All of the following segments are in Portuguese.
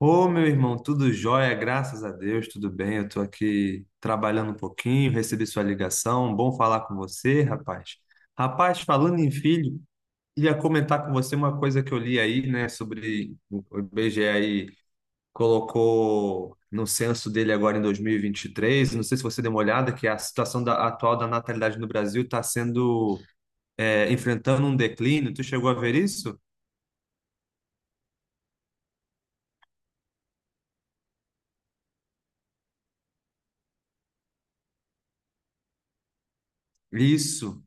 Ô, meu irmão, tudo jóia, graças a Deus, tudo bem. Eu tô aqui trabalhando um pouquinho, recebi sua ligação. Bom falar com você, rapaz. Rapaz, falando em filho, ia comentar com você uma coisa que eu li aí, né, sobre o IBGE aí colocou no censo dele agora em 2023. Não sei se você deu uma olhada, que a situação atual da natalidade no Brasil está sendo enfrentando um declínio. Tu chegou a ver isso? Isso.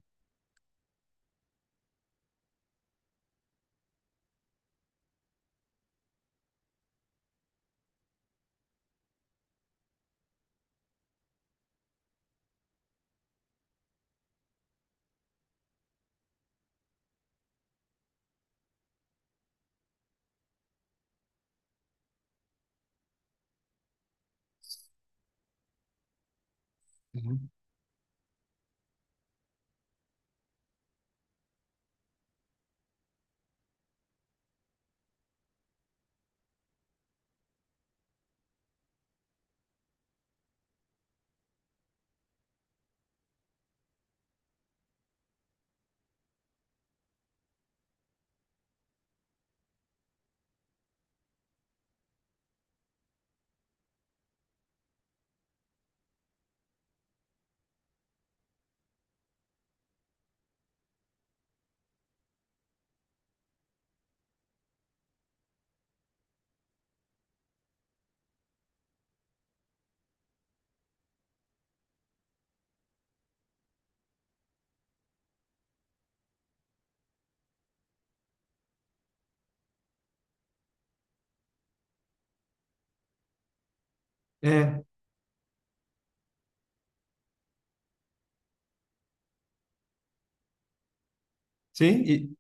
Uhum. É, sim.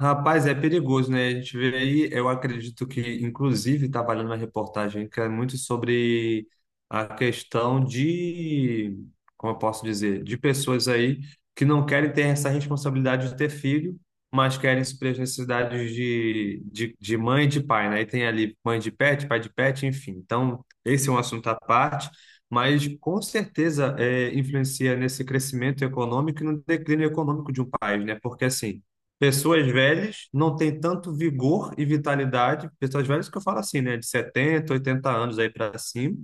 Rapaz, é perigoso, né? A gente vê aí, eu acredito que, inclusive, estava lendo uma reportagem que é muito sobre a questão de, como eu posso dizer, de pessoas aí que não querem ter essa responsabilidade de ter filho, mas querem suprir as necessidades de mãe e de pai, né? E tem ali mãe de pet, pai de pet, enfim. Então, esse é um assunto à parte, mas com certeza influencia nesse crescimento econômico e no declínio econômico de um país, né? Porque assim. Pessoas velhas não têm tanto vigor e vitalidade. Pessoas velhas que eu falo assim, né? De 70, 80 anos aí para cima,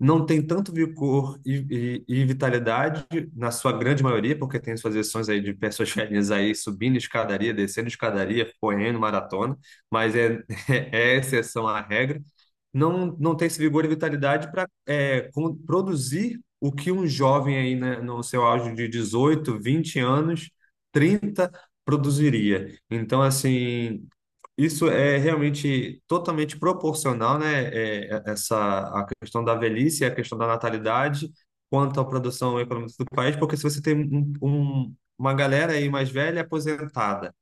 não tem tanto vigor e vitalidade, na sua grande maioria, porque tem suas exceções aí de pessoas velhas aí subindo escadaria, descendo escadaria, correndo maratona, mas é exceção à regra não tem esse vigor e vitalidade para produzir o que um jovem aí, né, no seu auge de 18, 20 anos, 30 produziria. Então, assim, isso é realmente totalmente proporcional, né? é, essa, a questão da velhice e a questão da natalidade quanto à produção econômica do país, porque se você tem uma galera aí mais velha aposentada,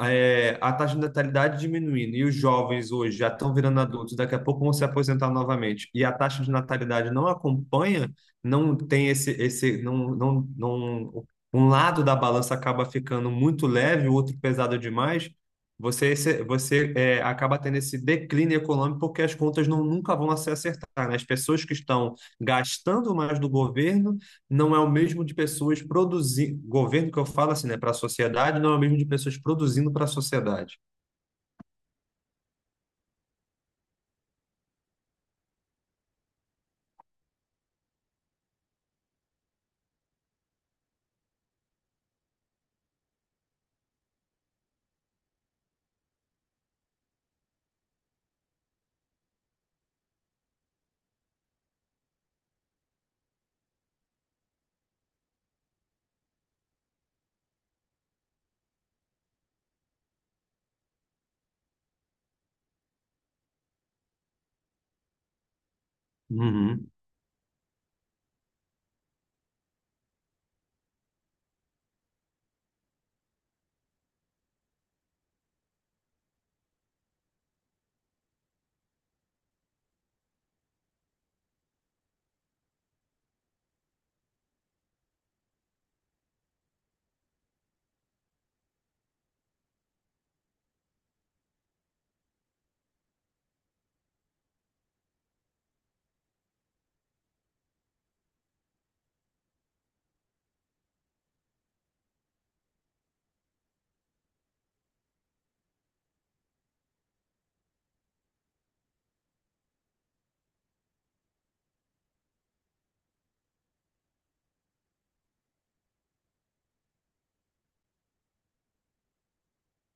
a taxa de natalidade diminuindo e os jovens hoje já estão virando adultos, daqui a pouco vão se aposentar novamente, e a taxa de natalidade não acompanha, não tem esse não, não, não, um lado da balança acaba ficando muito leve, o outro pesado demais, você, você acaba tendo esse declínio econômico porque as contas nunca vão se acertar, né? As pessoas que estão gastando mais do governo não é o mesmo de pessoas produzindo. Governo que eu falo assim, né? Para a sociedade, não é o mesmo de pessoas produzindo para a sociedade. Uhum,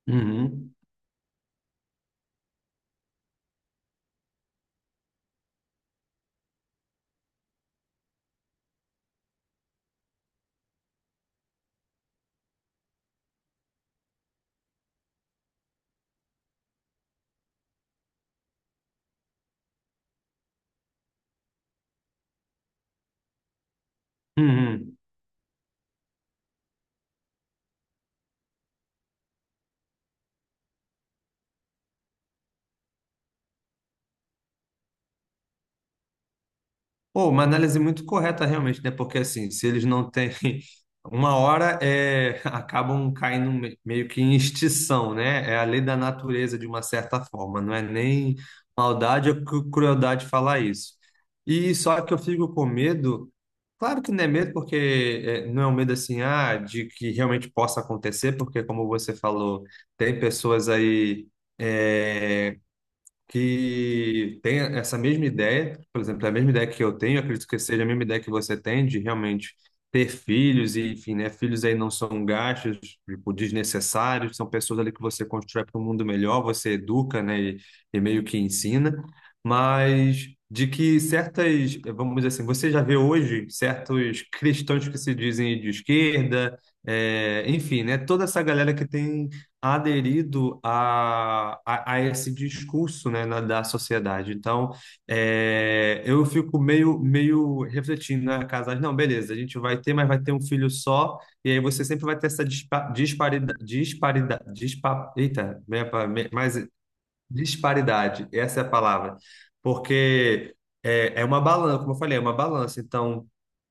uhum, uhum. Pô, uma análise muito correta realmente, né? Porque assim, se eles não têm uma hora, acabam caindo meio que em extinção, né? É a lei da natureza de uma certa forma, não é nem maldade ou crueldade falar isso. E só que eu fico com medo, claro que não é medo, porque não é um medo assim, ah, de que realmente possa acontecer, porque como você falou, tem pessoas aí é, que tem essa mesma ideia, por exemplo, é a mesma ideia que eu tenho, acredito que seja a mesma ideia que você tem de realmente ter filhos e, enfim, né, filhos aí não são gastos, tipo, desnecessários, são pessoas ali que você constrói para um mundo melhor, você educa, né, e meio que ensina, mas de que certas, vamos dizer assim, você já vê hoje certos cristãos que se dizem de esquerda, enfim, né, toda essa galera que tem aderido a esse discurso, né, da sociedade. Então, eu fico meio refletindo, né, casais, não, beleza, a gente vai ter, mas vai ter um filho só, e aí você sempre vai ter essa dispa, disparidade, disparidade, dispa, eita, meia pa- me- mas disparidade, essa é a palavra, porque é uma balança, como eu falei, é uma balança, então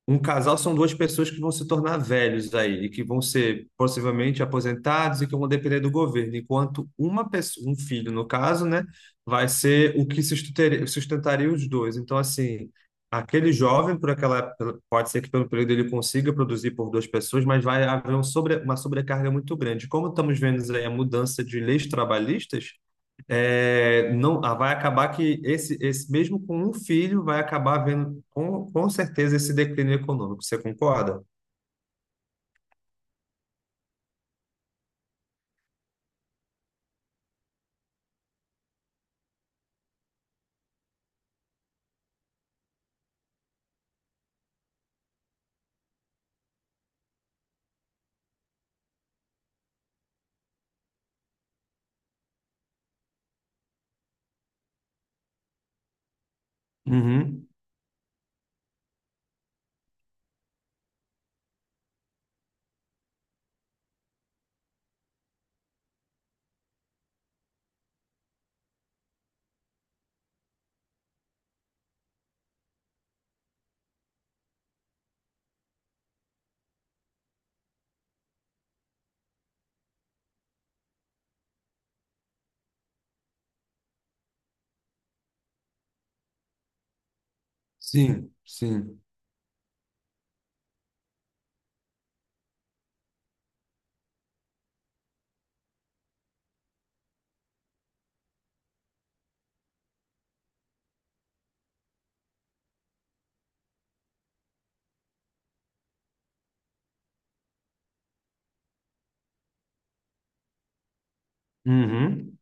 um casal são duas pessoas que vão se tornar velhos aí, e que vão ser possivelmente aposentados e que vão depender do governo, enquanto uma pessoa, um filho, no caso, né, vai ser o que sustentaria, sustentaria os dois. Então, assim, aquele jovem, por pode ser que pelo período ele consiga produzir por duas pessoas, mas vai haver uma sobrecarga muito grande. Como estamos vendo aí a mudança de leis trabalhistas, é, não, ah, vai acabar que esse mesmo com um filho vai acabar vendo com certeza esse declínio econômico. Você concorda? Uhum. Sim, sim. Uhum.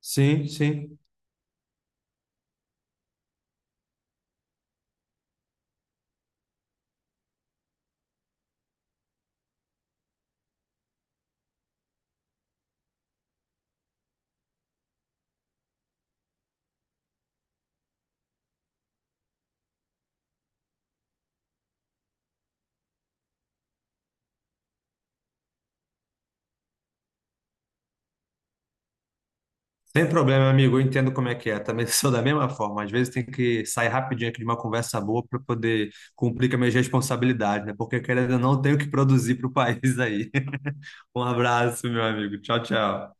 Sim, sim. Sem problema, amigo. Eu entendo como é que é. Também sou da mesma forma. Às vezes tem que sair rapidinho aqui de uma conversa boa para poder cumprir com as minhas responsabilidades, né? Porque querendo ou não, eu tenho que produzir para o país aí. Um abraço, meu amigo. Tchau, tchau.